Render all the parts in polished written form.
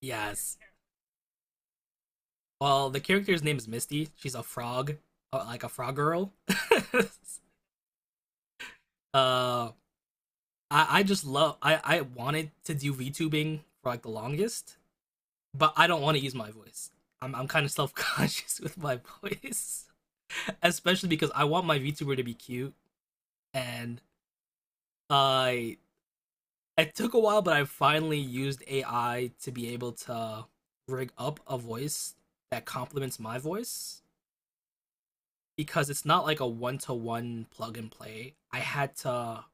Yes. Well, the character's name is Misty. She's a frog, like a frog girl. uh, I, I just love. I wanted to do VTubing for like the longest, but I don't want to use my voice. I'm kind of self conscious with my voice, especially because I want my VTuber to be cute, and I it took a while, but I finally used AI to be able to rig up a voice that complements my voice because it's not like a one to one plug and play. I had to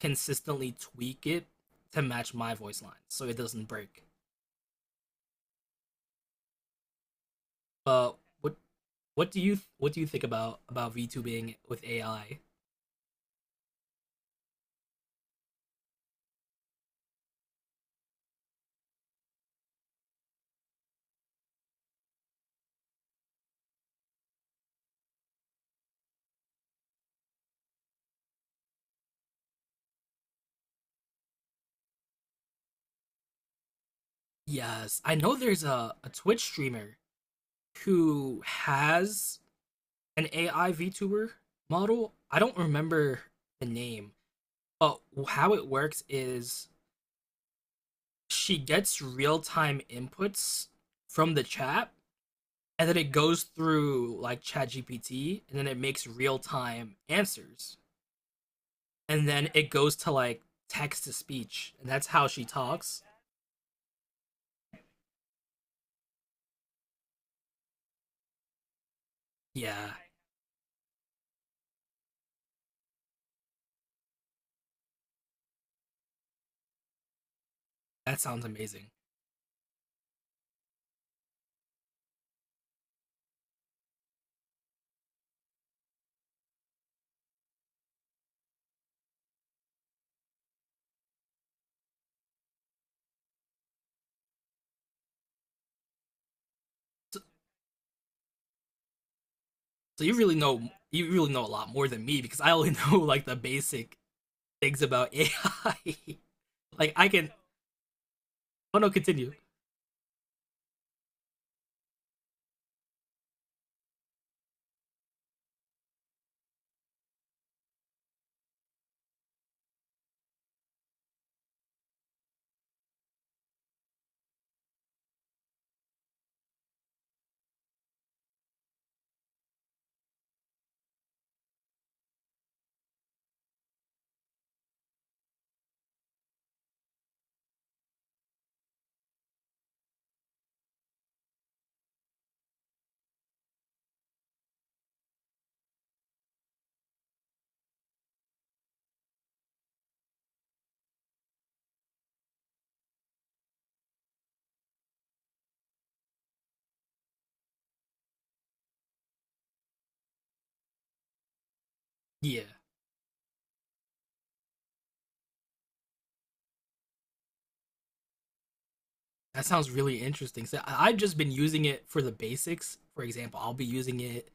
consistently tweak it to match my voice line so it doesn't break. But what do you think about VTubing with AI? Yes, I know there's a Twitch streamer who has an AI VTuber model. I don't remember the name, but how it works is she gets real time inputs from the chat, and then it goes through like ChatGPT, and then it makes real-time answers, and then it goes to like text to speech, and that's how she talks. Yeah, that sounds amazing. So, so you really know a lot more than me because I only know like the basic things about AI. Like I can. Oh no, continue. Yeah, that sounds really interesting. So I- I've just been using it for the basics. For example, I'll be using it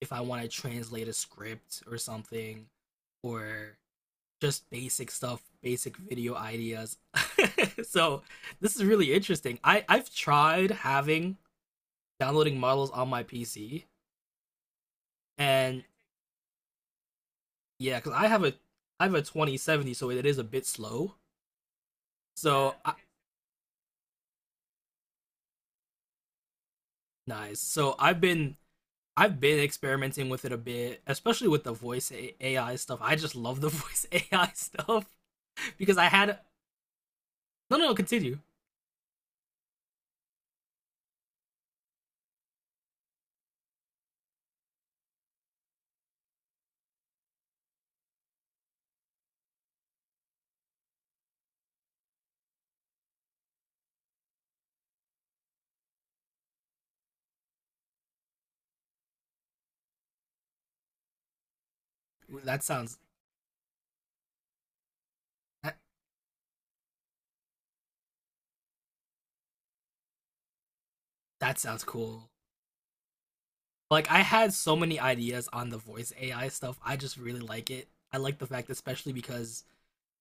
if I want to translate a script or something, or just basic stuff, basic video ideas. So this is really interesting. I've tried having downloading models on my PC, and yeah, because I have a 2070, so it is a bit slow. So I, nice. So I've been experimenting with it a bit, especially with the voice AI stuff. I just love the voice AI stuff because I had. No no, continue. That sounds, that, that sounds cool. Like I had so many ideas on the voice AI stuff. I just really like it. I like the fact, especially because,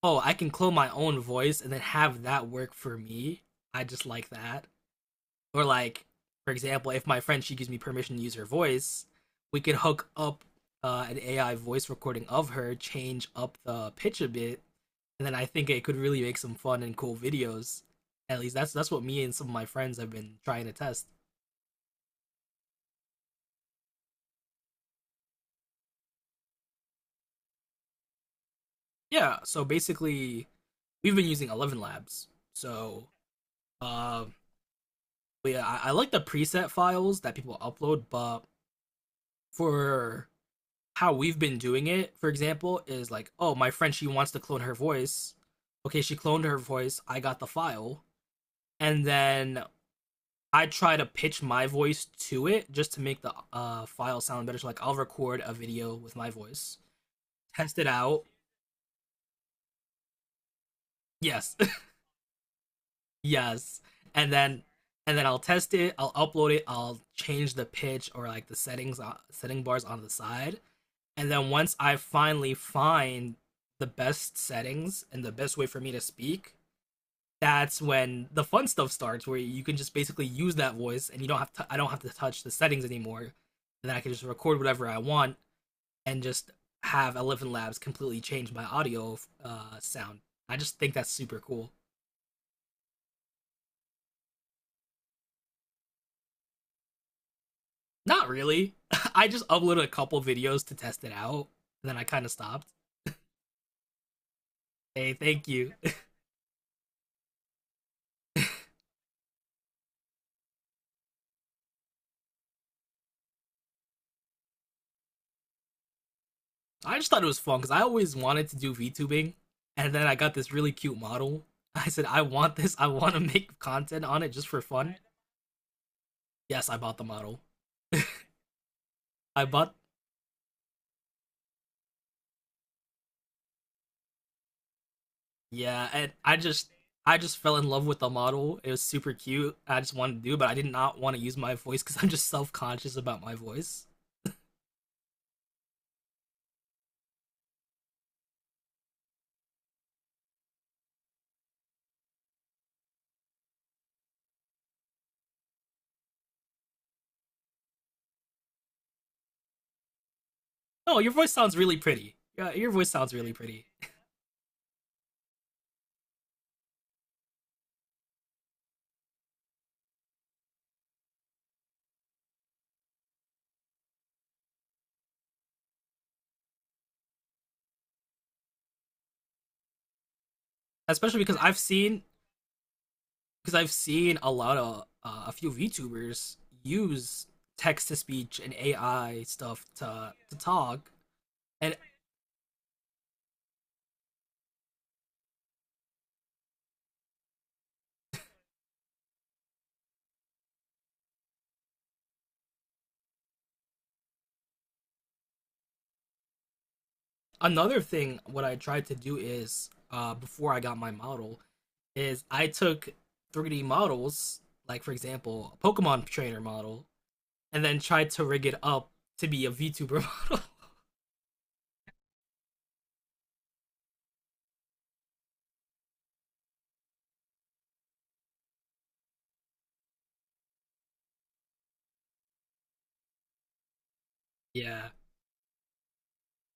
oh, I can clone my own voice and then have that work for me. I just like that. Or like, for example, if my friend, she gives me permission to use her voice, we can hook up an AI voice recording of her, change up the pitch a bit, and then I think it could really make some fun and cool videos. At least that's what me and some of my friends have been trying to test. Yeah, so basically we've been using Eleven Labs. So uh, yeah, I like the preset files that people upload, but for how we've been doing it, for example, is like, oh, my friend, she wants to clone her voice. Okay, she cloned her voice. I got the file, and then I try to pitch my voice to it just to make the file sound better. So like, I'll record a video with my voice, test it out. Yes, yes, and then and then I'll test it, I'll upload it, I'll change the pitch or like the settings, setting bars on the side, and then once I finally find the best settings and the best way for me to speak, that's when the fun stuff starts, where you can just basically use that voice and you don't have to, I don't have to touch the settings anymore, and then I can just record whatever I want and just have Eleven labs completely change my audio sound. I just think that's super cool. Not really. I just uploaded a couple videos to test it out, and then I kind of stopped. Hey, thank you. I just thought it was fun because I always wanted to do VTubing, and then I got this really cute model. I said, I want this. I want to make content on it just for fun. Yes, I bought the model. I bought, yeah, and I just fell in love with the model. It was super cute. I just wanted to do it, but I did not want to use my voice because I'm just self conscious about my voice. Oh, your voice sounds really pretty. Yeah, your voice sounds really pretty, especially because I've seen a lot of a few VTubers use text to speech and AI stuff to talk. And another thing, what I tried to do is, before I got my model, is I took 3D models, like for example, a Pokemon trainer model, and then tried to rig it up to be a VTuber model. Yeah,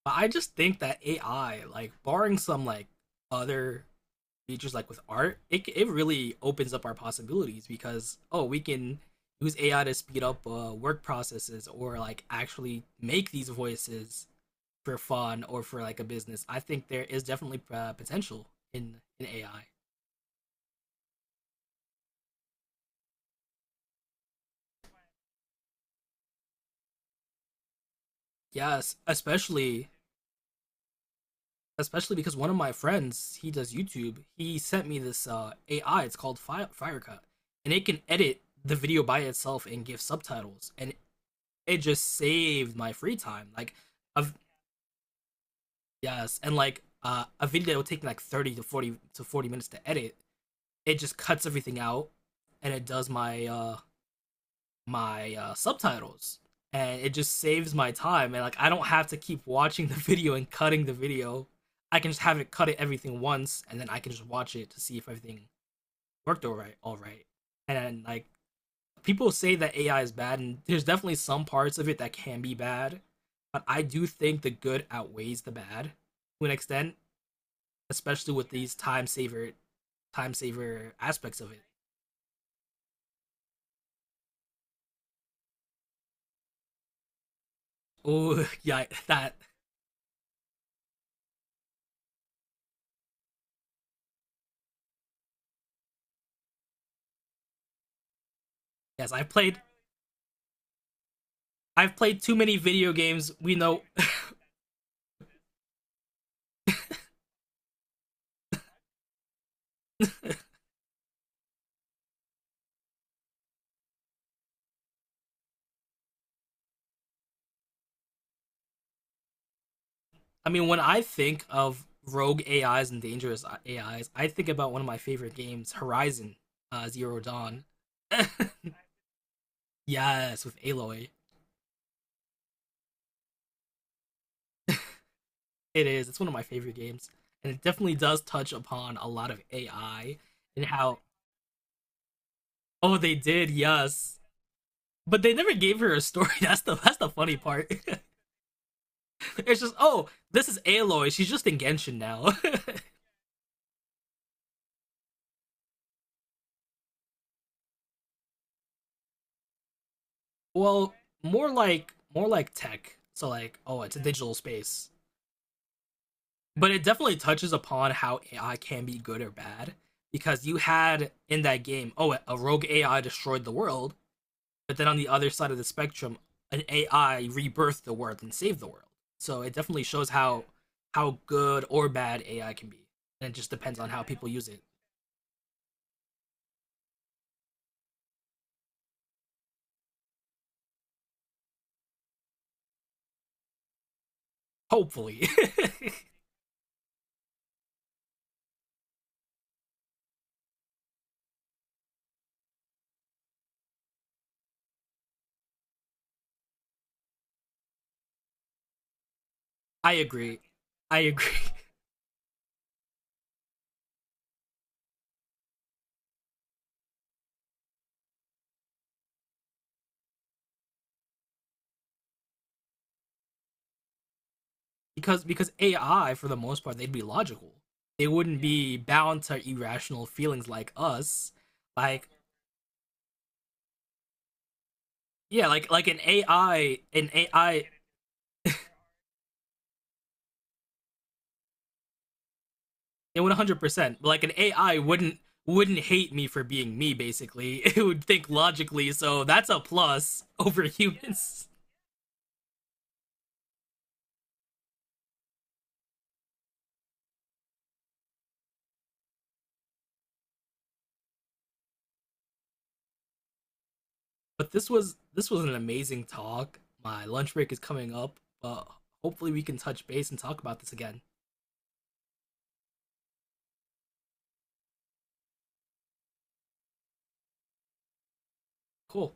but I just think that AI, like barring some like other features like with art, it really opens up our possibilities because, oh, we can use AI to speed up work processes or like actually make these voices for fun or for like a business. I think there is definitely potential in AI. Yes, especially because one of my friends, he does YouTube. He sent me this AI. It's called Firecut, and it can edit the video by itself and give subtitles, and it just saved my free time. I've, Yes, and like a video that will take like 30 to 40 to 40 minutes to edit, it just cuts everything out, and it does my subtitles, and it just saves my time, and like I don't have to keep watching the video and cutting the video. I can just have it cut it everything once, and then I can just watch it to see if everything worked all right. All right, and then, like, people say that AI is bad, and there's definitely some parts of it that can be bad, but I do think the good outweighs the bad to an extent, especially with these time saver aspects of it. Oh, yeah, that yes, I played I've played too many video games. We know. I mean, when I think of rogue AIs and dangerous AIs, I think about one of my favorite games, Horizon Zero Dawn. Yes, with Aloy, it is. It's one of my favorite games, and it definitely does touch upon a lot of AI and how. Oh, they did. Yes, but they never gave her a story. That's the funny part. It's just, oh, this is Aloy. She's just in Genshin now. Well, more like, more like tech. So like, oh, it's a digital space. But it definitely touches upon how AI can be good or bad because you had in that game, oh, a rogue AI destroyed the world, but then on the other side of the spectrum, an AI rebirthed the world and saved the world. So it definitely shows how good or bad AI can be. And it just depends on how people use it. Hopefully. I agree. I agree. Because AI for the most part, they'd be logical. They wouldn't be bound to irrational feelings like us. Like, yeah, like an AI, it would 100. Percent Like an AI wouldn't hate me for being me. Basically, it would think logically. So that's a plus over humans. But this was an amazing talk. My lunch break is coming up. Hopefully we can touch base and talk about this again. Cool.